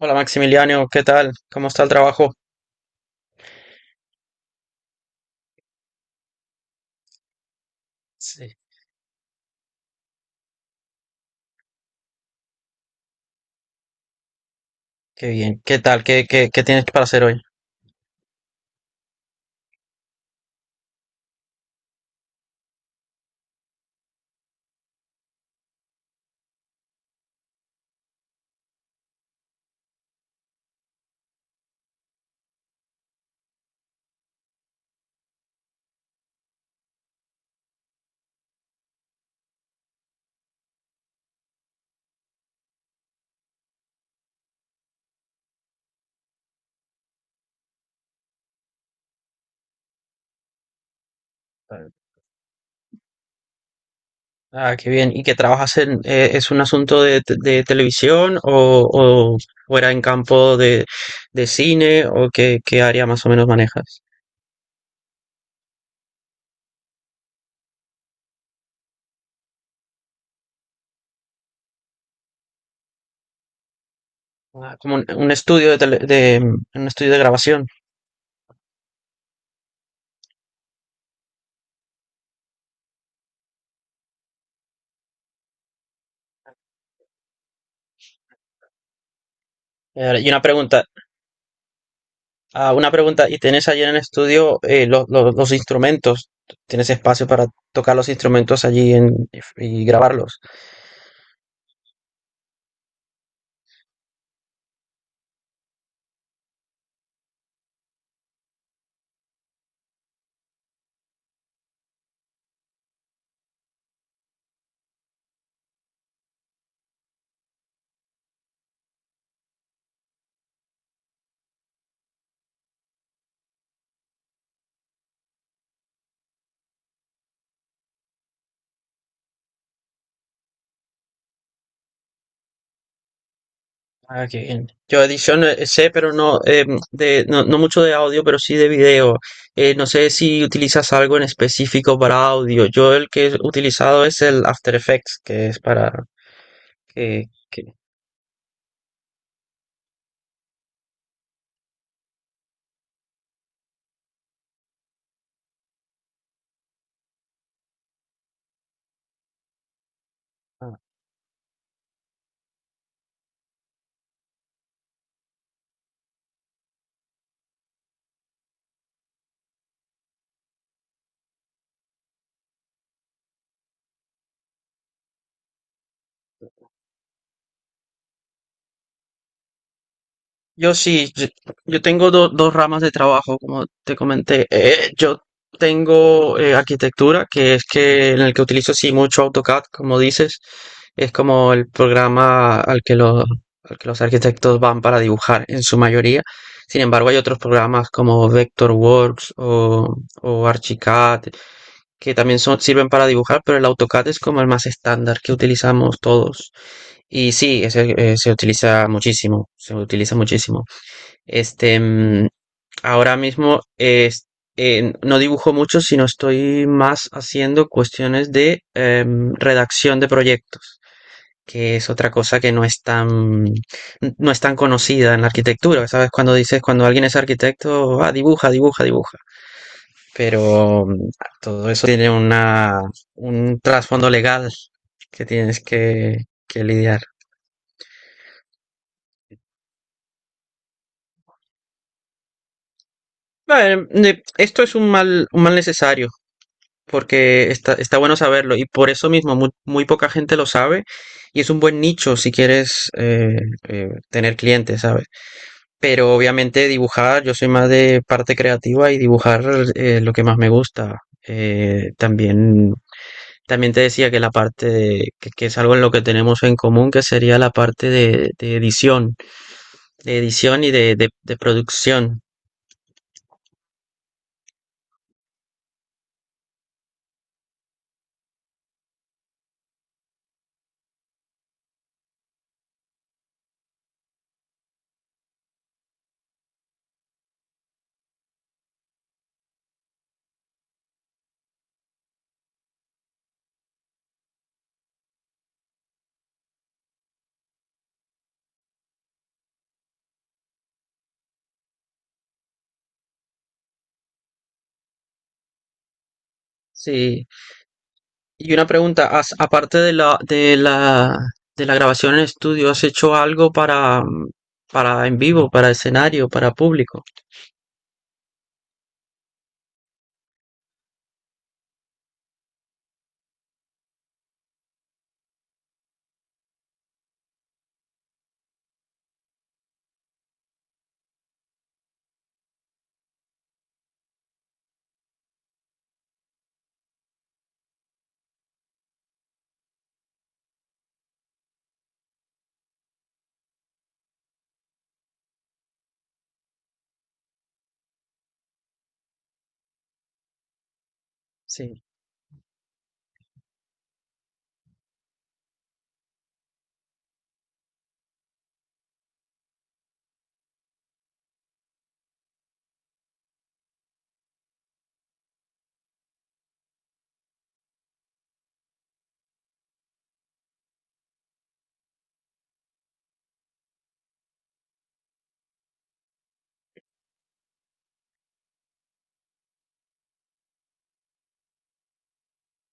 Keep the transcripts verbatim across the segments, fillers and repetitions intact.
Hola Maximiliano, ¿qué tal? ¿Cómo está el trabajo? Sí. Qué bien, ¿qué tal? ¿Qué, qué, qué tienes para hacer hoy? Ah, qué bien. ¿Y qué trabajas en, eh, es un asunto de, te- de televisión o, o, o era en campo de, de cine o qué, qué área más o menos manejas? Ah, como un, un estudio de, tele- de, mm, un estudio de grabación. Eh, y una pregunta, ah, una pregunta, ¿y tienes allí en el estudio eh, lo- lo- los instrumentos? ¿Tienes espacio para tocar los instrumentos allí en- y grabarlos? Ah, qué bien. Yo edición eh, sé, pero no, em, de, no, no mucho de audio, pero sí de video. Eh, no sé si utilizas algo en específico para audio. Yo el que he utilizado es el After Effects, que es para que, que- yo sí, yo, yo tengo do- dos ramas de trabajo, como te comenté. Eh, yo tengo eh, arquitectura, que es que en el que utilizo sí mucho AutoCAD, como dices, es como el programa al que los, al que los arquitectos van para dibujar en su mayoría. Sin embargo, hay otros programas como Vectorworks o, o Archicad, que también son, sirven para dibujar, pero el AutoCAD es como el más estándar que utilizamos todos. Y sí, ese, eh, se utiliza muchísimo, se utiliza muchísimo. Este, mm, ahora mismo es- eh, no dibujo mucho, sino estoy más haciendo cuestiones de em, redacción de proyectos, que es otra cosa que no es tan, no es tan conocida en la arquitectura. ¿Sabes? Cuando dices, cuando alguien es arquitecto, ah, dibuja, dibuja, dibuja. Pero mm, todo eso tiene una, un trasfondo legal que tienes que, que lidiar. Bueno, eh, esto es un mal, un mal necesario. Porque está, está bueno saberlo y por eso mismo mu- muy, poca gente lo sabe y es un buen nicho si quieres eh, eh, tener clientes, ¿sabes? Pero obviamente dibujar, yo soy más de parte creativa y dibujar eh, lo que más me gusta. Eh, también, también te decía que la parte de- que, que es algo en lo que tenemos en común, que sería la parte de, de edición, de edición y de, de de producción. Sí. Y una pregunta, ¿has- aparte de la, de la, de la grabación en estudio, ¿has hecho algo para, mm, para en vivo, para escenario, para público? Sí.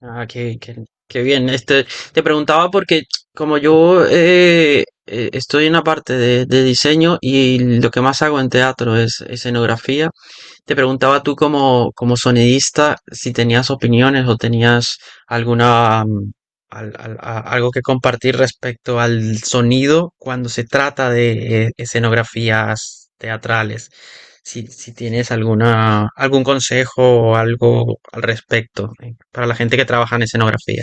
Ah, qué, qué- qué bien. Este, te preguntaba porque como yo eh, eh, estoy en la parte de, de diseño y lo que más hago en teatro es escenografía. Te preguntaba tú como, como sonidista si tenías opiniones o tenías alguna mm, al- al- a- algo que compartir respecto al sonido cuando se trata de eh, escenografías teatrales. Si, si tienes alguna, algún consejo o algo al respecto eh, para la gente que trabaja en escenografía.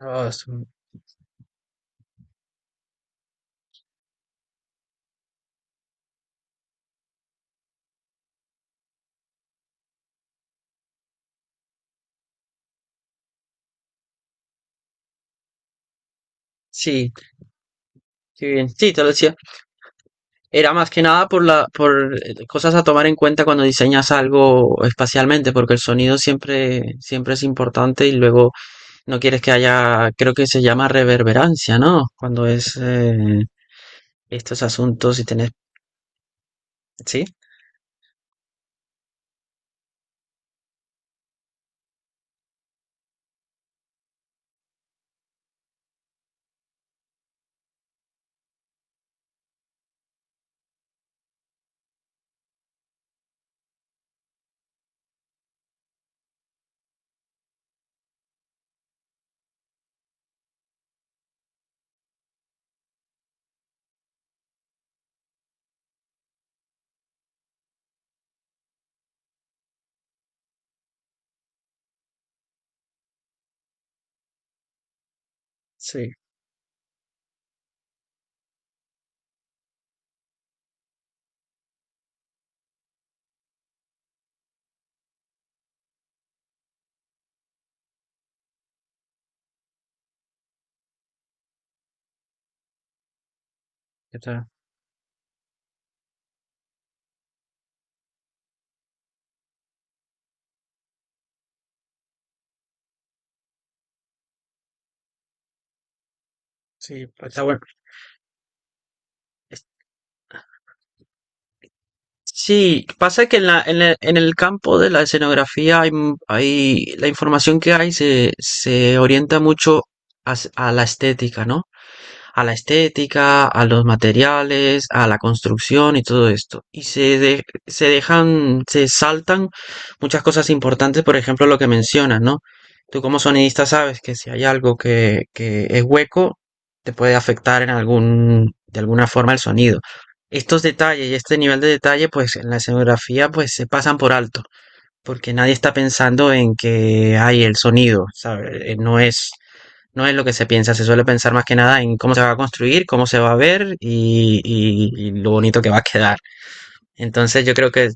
Ah, es un- sí, qué bien. Sí, te lo decía. Era más que nada por la, por eh, cosas a tomar en cuenta cuando diseñas algo espacialmente, porque el sonido siempre, siempre es importante y luego no quieres que haya, creo que se llama reverberancia, ¿no? Cuando es eh, estos asuntos y tenés, ¿sí? Sí, ¿qué tal? Sí, pues, está pues, bueno. Es- Sí, pasa que en la, en el, en el campo de la escenografía hay, m- hay- la información que hay se, se orienta mucho a, s- a la estética, ¿no? A la estética, a los materiales, a la construcción y todo esto. Y se, de- se dejan, se saltan muchas cosas importantes, por ejemplo, lo que mencionas, ¿no? Tú como sonidista sabes que si hay algo que, que es hueco, te puede afectar en algún, de alguna forma el sonido. Estos detalles y este nivel de detalle, pues en la escenografía, pues se pasan por alto, porque nadie está pensando en que hay el sonido, ¿sabes? No es no es lo que se piensa, se suele pensar más que nada en cómo se va a construir, cómo se va a ver y, y- y lo bonito que va a quedar. Entonces yo creo que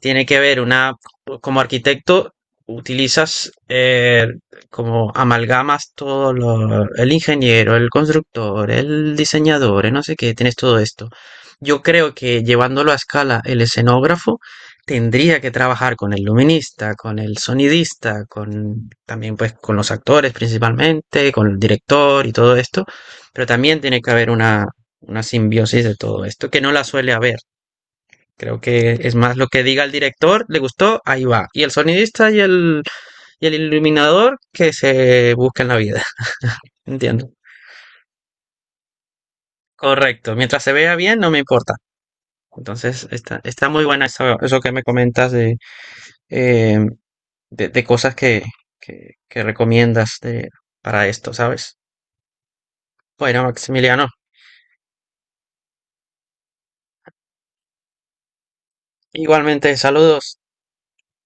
tiene que haber una, como arquitecto, utilizas eh, como amalgamas todo lo, el ingeniero, el constructor, el diseñador, el no sé qué, tienes todo esto. Yo creo que llevándolo a escala, el escenógrafo tendría que trabajar con el luminista, con el sonidista, con también pues con los actores principalmente, con el director y todo esto, pero también tiene que haber una, una simbiosis de todo esto, que no la suele haber. Creo que es más lo que diga el director, le gustó, ahí va. Y el sonidista y el, y el iluminador que se busquen la vida. Entiendo. Correcto. Mientras se vea bien, no me importa. Entonces, está, está muy buena eso, eso que me comentas de, eh, de, de cosas que, que, que recomiendas de- para esto, ¿sabes? Bueno, Maximiliano, igualmente, saludos.